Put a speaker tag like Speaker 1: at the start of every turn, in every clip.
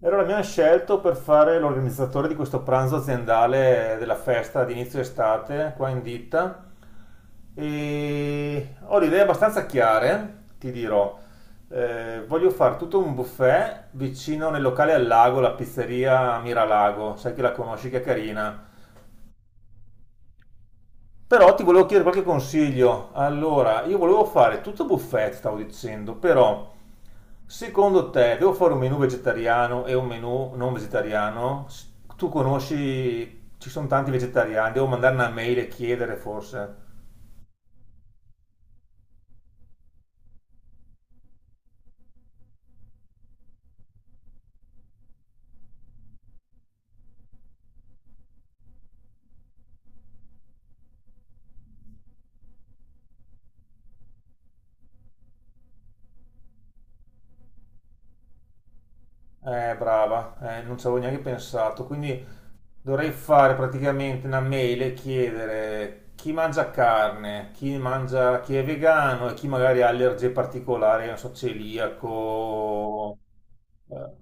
Speaker 1: E allora mi hanno scelto per fare l'organizzatore di questo pranzo aziendale della festa di inizio estate qua in ditta e ho le idee abbastanza chiare, ti dirò. Voglio fare tutto un buffet vicino nel locale al lago, la pizzeria Miralago, sai che la conosci, che è carina. Però ti volevo chiedere qualche consiglio. Allora, io volevo fare tutto buffet, stavo dicendo, però secondo te devo fare un menù vegetariano e un menù non vegetariano? Tu conosci, ci sono tanti vegetariani, devo mandare una mail e chiedere forse. Brava, non ci avevo neanche pensato, quindi dovrei fare praticamente una mail e chiedere chi mangia carne, chi mangia, chi è vegano e chi magari ha allergie particolari, non so, celiaco. Eh,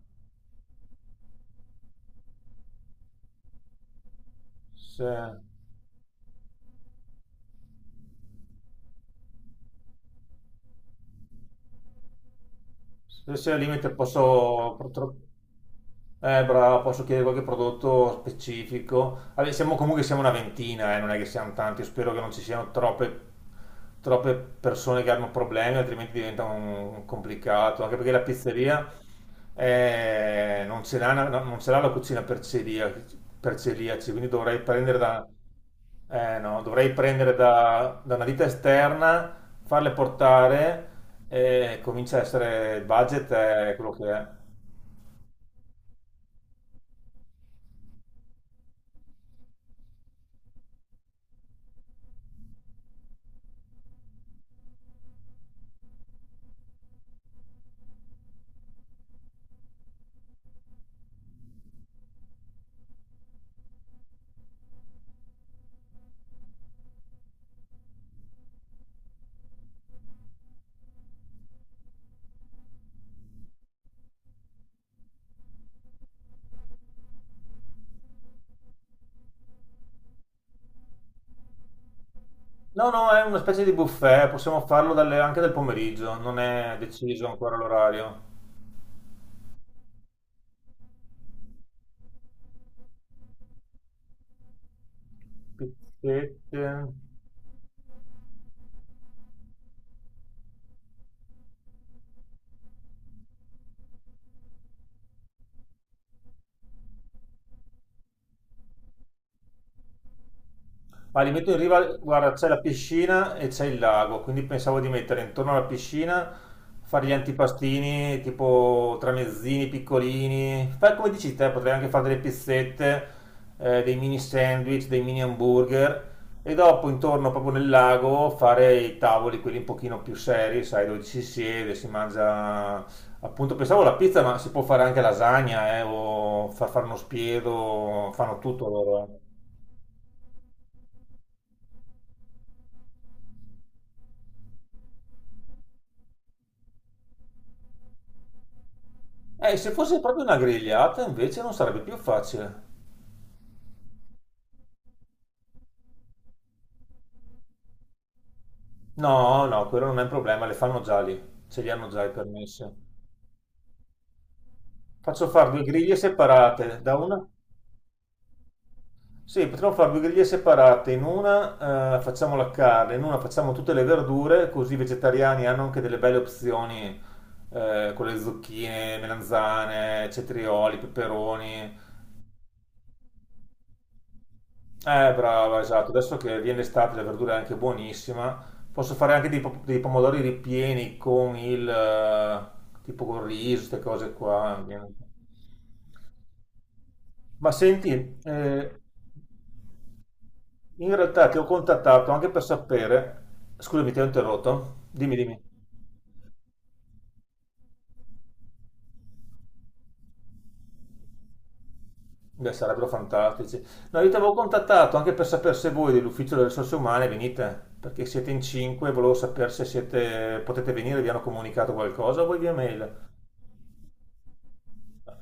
Speaker 1: se, se al limite posso. Bravo, posso chiedere qualche prodotto specifico? Vabbè, siamo una ventina, non è che siamo tanti. Io spero che non ci siano troppe persone che hanno problemi, altrimenti diventa un complicato. Anche perché la pizzeria non ce l'ha, non ce l'ha la cucina per celiaci, quindi dovrei prendere da, no, dovrei prendere da una ditta esterna, farle portare, e comincia a essere, il budget è quello che è. No, no, è una specie di buffet, possiamo farlo anche del pomeriggio, non è deciso ancora l'orario. Pizzette. Ma li metto in riva, guarda, c'è la piscina e c'è il lago, quindi pensavo di mettere intorno alla piscina, fare gli antipastini, tipo tramezzini piccolini, fai come dici te, potrei anche fare delle pizzette, dei mini sandwich, dei mini hamburger, e dopo intorno proprio nel lago fare i tavoli, quelli un pochino più seri, sai, dove ci si siede, si mangia. Appunto, pensavo la pizza, ma si può fare anche lasagna, o far fare uno spiedo, fanno tutto loro. Se fosse proprio una grigliata invece non sarebbe più facile. No, no, quello non è un problema, le fanno già lì, ce li hanno già i permessi. Faccio fare due griglie separate, da una. Sì, potremmo fare due griglie separate, in una facciamo la carne, in una facciamo tutte le verdure, così i vegetariani hanno anche delle belle opzioni, con le zucchine, melanzane, cetrioli, peperoni. Brava, esatto. Adesso che viene l'estate, la verdura è anche buonissima. Posso fare anche dei pomodori ripieni con il, tipo con riso, queste cose qua. Ma senti, in realtà ti ho contattato anche per sapere. Scusami, ti ho interrotto. Dimmi, dimmi. Beh, sarebbero fantastici. No, io ti avevo contattato anche per sapere se voi dell'Ufficio delle Risorse Umane venite, perché siete in cinque, volevo sapere se siete, potete venire, vi hanno comunicato qualcosa, voi via mail.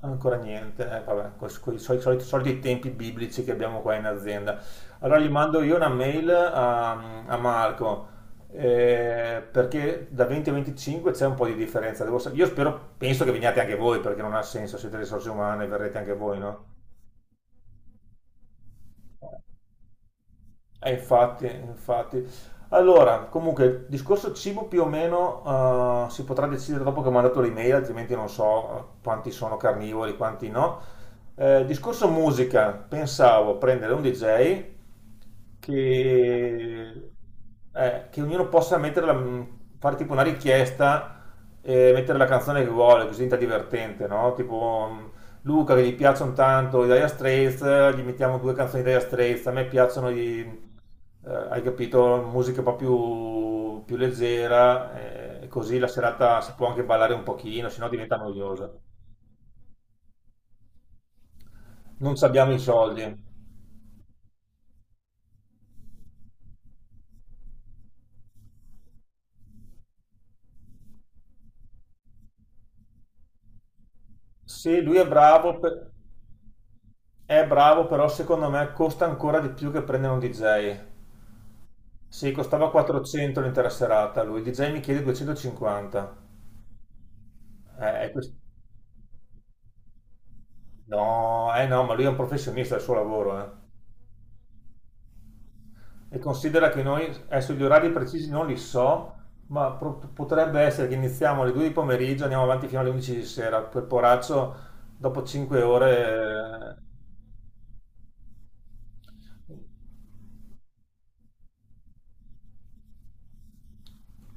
Speaker 1: Ancora niente, vabbè, con i soliti, soliti tempi biblici che abbiamo qua in azienda. Allora gli mando io una mail a Marco, perché da 20 a 25 c'è un po' di differenza. Io spero, penso che veniate anche voi, perché non ha senso, siete risorse umane, verrete anche voi, no? Infatti, infatti. Allora, comunque, il discorso cibo più o meno, si potrà decidere dopo che ho mandato l'email, altrimenti non so, quanti sono carnivori, quanti no. Discorso musica, pensavo prendere un DJ che, che ognuno possa fare tipo una richiesta e mettere la canzone che vuole, così diventa divertente, no? Tipo Luca, che gli piacciono tanto i Dire Straits, gli mettiamo due canzoni di Dire Straits. A me piacciono i hai capito, musica un po' più leggera, così la serata si può anche ballare un pochino, sennò diventa noiosa. Non ci abbiamo i soldi. Se lui è bravo, è bravo, però secondo me costa ancora di più che prendere un DJ. Sì, costava 400 l'intera serata, lui il DJ mi chiede 250. Eh, è quest- No, no, ma lui è un professionista del suo lavoro. E considera che noi, adesso gli orari precisi non li so, ma potrebbe essere che iniziamo alle 2 di pomeriggio, andiamo avanti fino alle 11 di sera, per poraccio dopo 5 ore eh,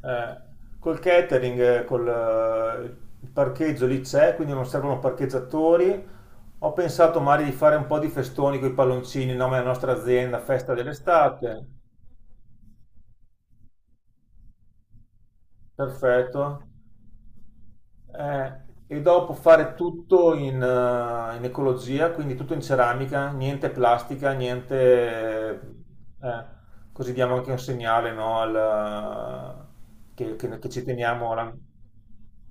Speaker 1: eh, col catering, col il parcheggio lì c'è, quindi non servono parcheggiatori. Ho pensato magari di fare un po' di festoni con i palloncini, in nome della nostra azienda, festa dell'estate. Perfetto. Eh, e dopo fare tutto in ecologia, quindi tutto in ceramica, niente plastica, niente. eh, Così diamo anche un segnale, no, al- che ci teniamo alla-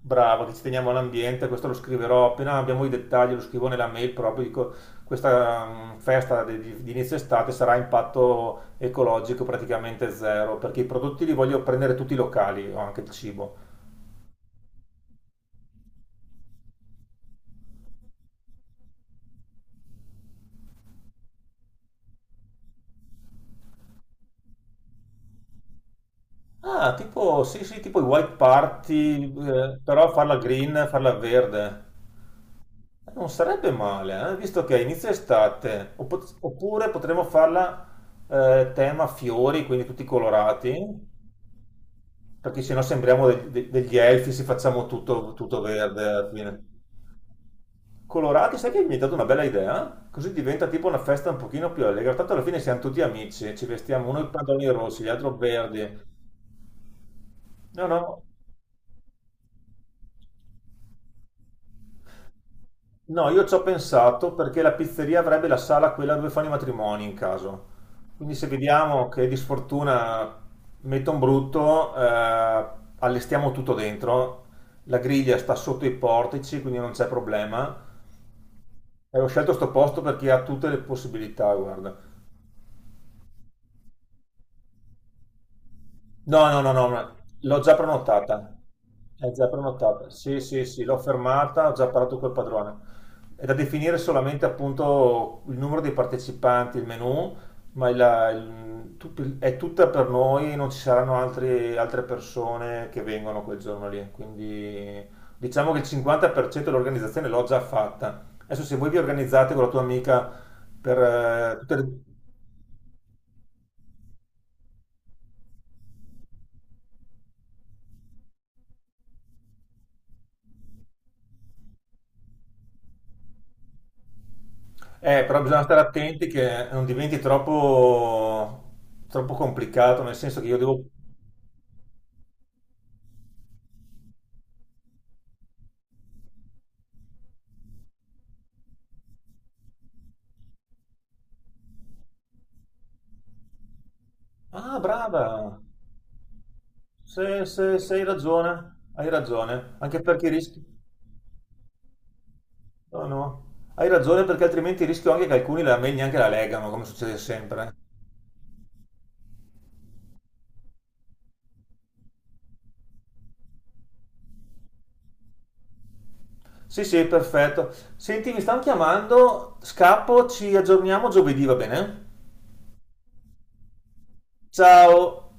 Speaker 1: bravo, che ci teniamo all'ambiente, questo lo scriverò, appena abbiamo i dettagli lo scrivo nella mail proprio, dico questa festa di inizio estate sarà a impatto ecologico praticamente zero, perché i prodotti li voglio prendere tutti locali, o anche il cibo. Ah, tipo, sì, sì, tipo i white party, però farla green, farla verde. Non sarebbe male, visto che è inizio estate. Oppure potremmo farla tema fiori, quindi tutti colorati, perché sennò sembriamo degli elfi se facciamo tutto, tutto verde alla fine. Colorati, sai che mi hai dato una bella idea? Così diventa tipo una festa un pochino più allegra. Tanto alla fine siamo tutti amici, ci vestiamo uno i pantaloni rossi, gli altri verdi. No, no. No, io ci ho pensato perché la pizzeria avrebbe la sala quella dove fanno i matrimoni in caso. Quindi se vediamo che di sfortuna metto un brutto, allestiamo tutto dentro. La griglia sta sotto i portici, quindi non c'è problema. E ho scelto sto posto perché ha tutte le possibilità, guarda. No, no, no, no, ma l'ho già prenotata. È già prenotata. Sì, sì, sì, l'ho fermata, ho già parlato col padrone. È da definire solamente appunto il numero dei partecipanti, il menù, ma è tutta per noi, non ci saranno altre persone che vengono quel giorno lì. Quindi diciamo che il 50% dell'organizzazione l'ho già fatta. Adesso se voi vi organizzate con la tua amica per tutte le. Però bisogna stare attenti che non diventi troppo, troppo complicato, nel senso che io devo. Ah, brava! Se hai ragione, hai ragione, anche perché rischi. No, no, hai ragione perché altrimenti rischio anche che alcuni la meglio neanche la legano, come succede sempre. Sì, sì, perfetto. Senti, mi stanno chiamando, scappo, ci aggiorniamo giovedì, va bene? Ciao!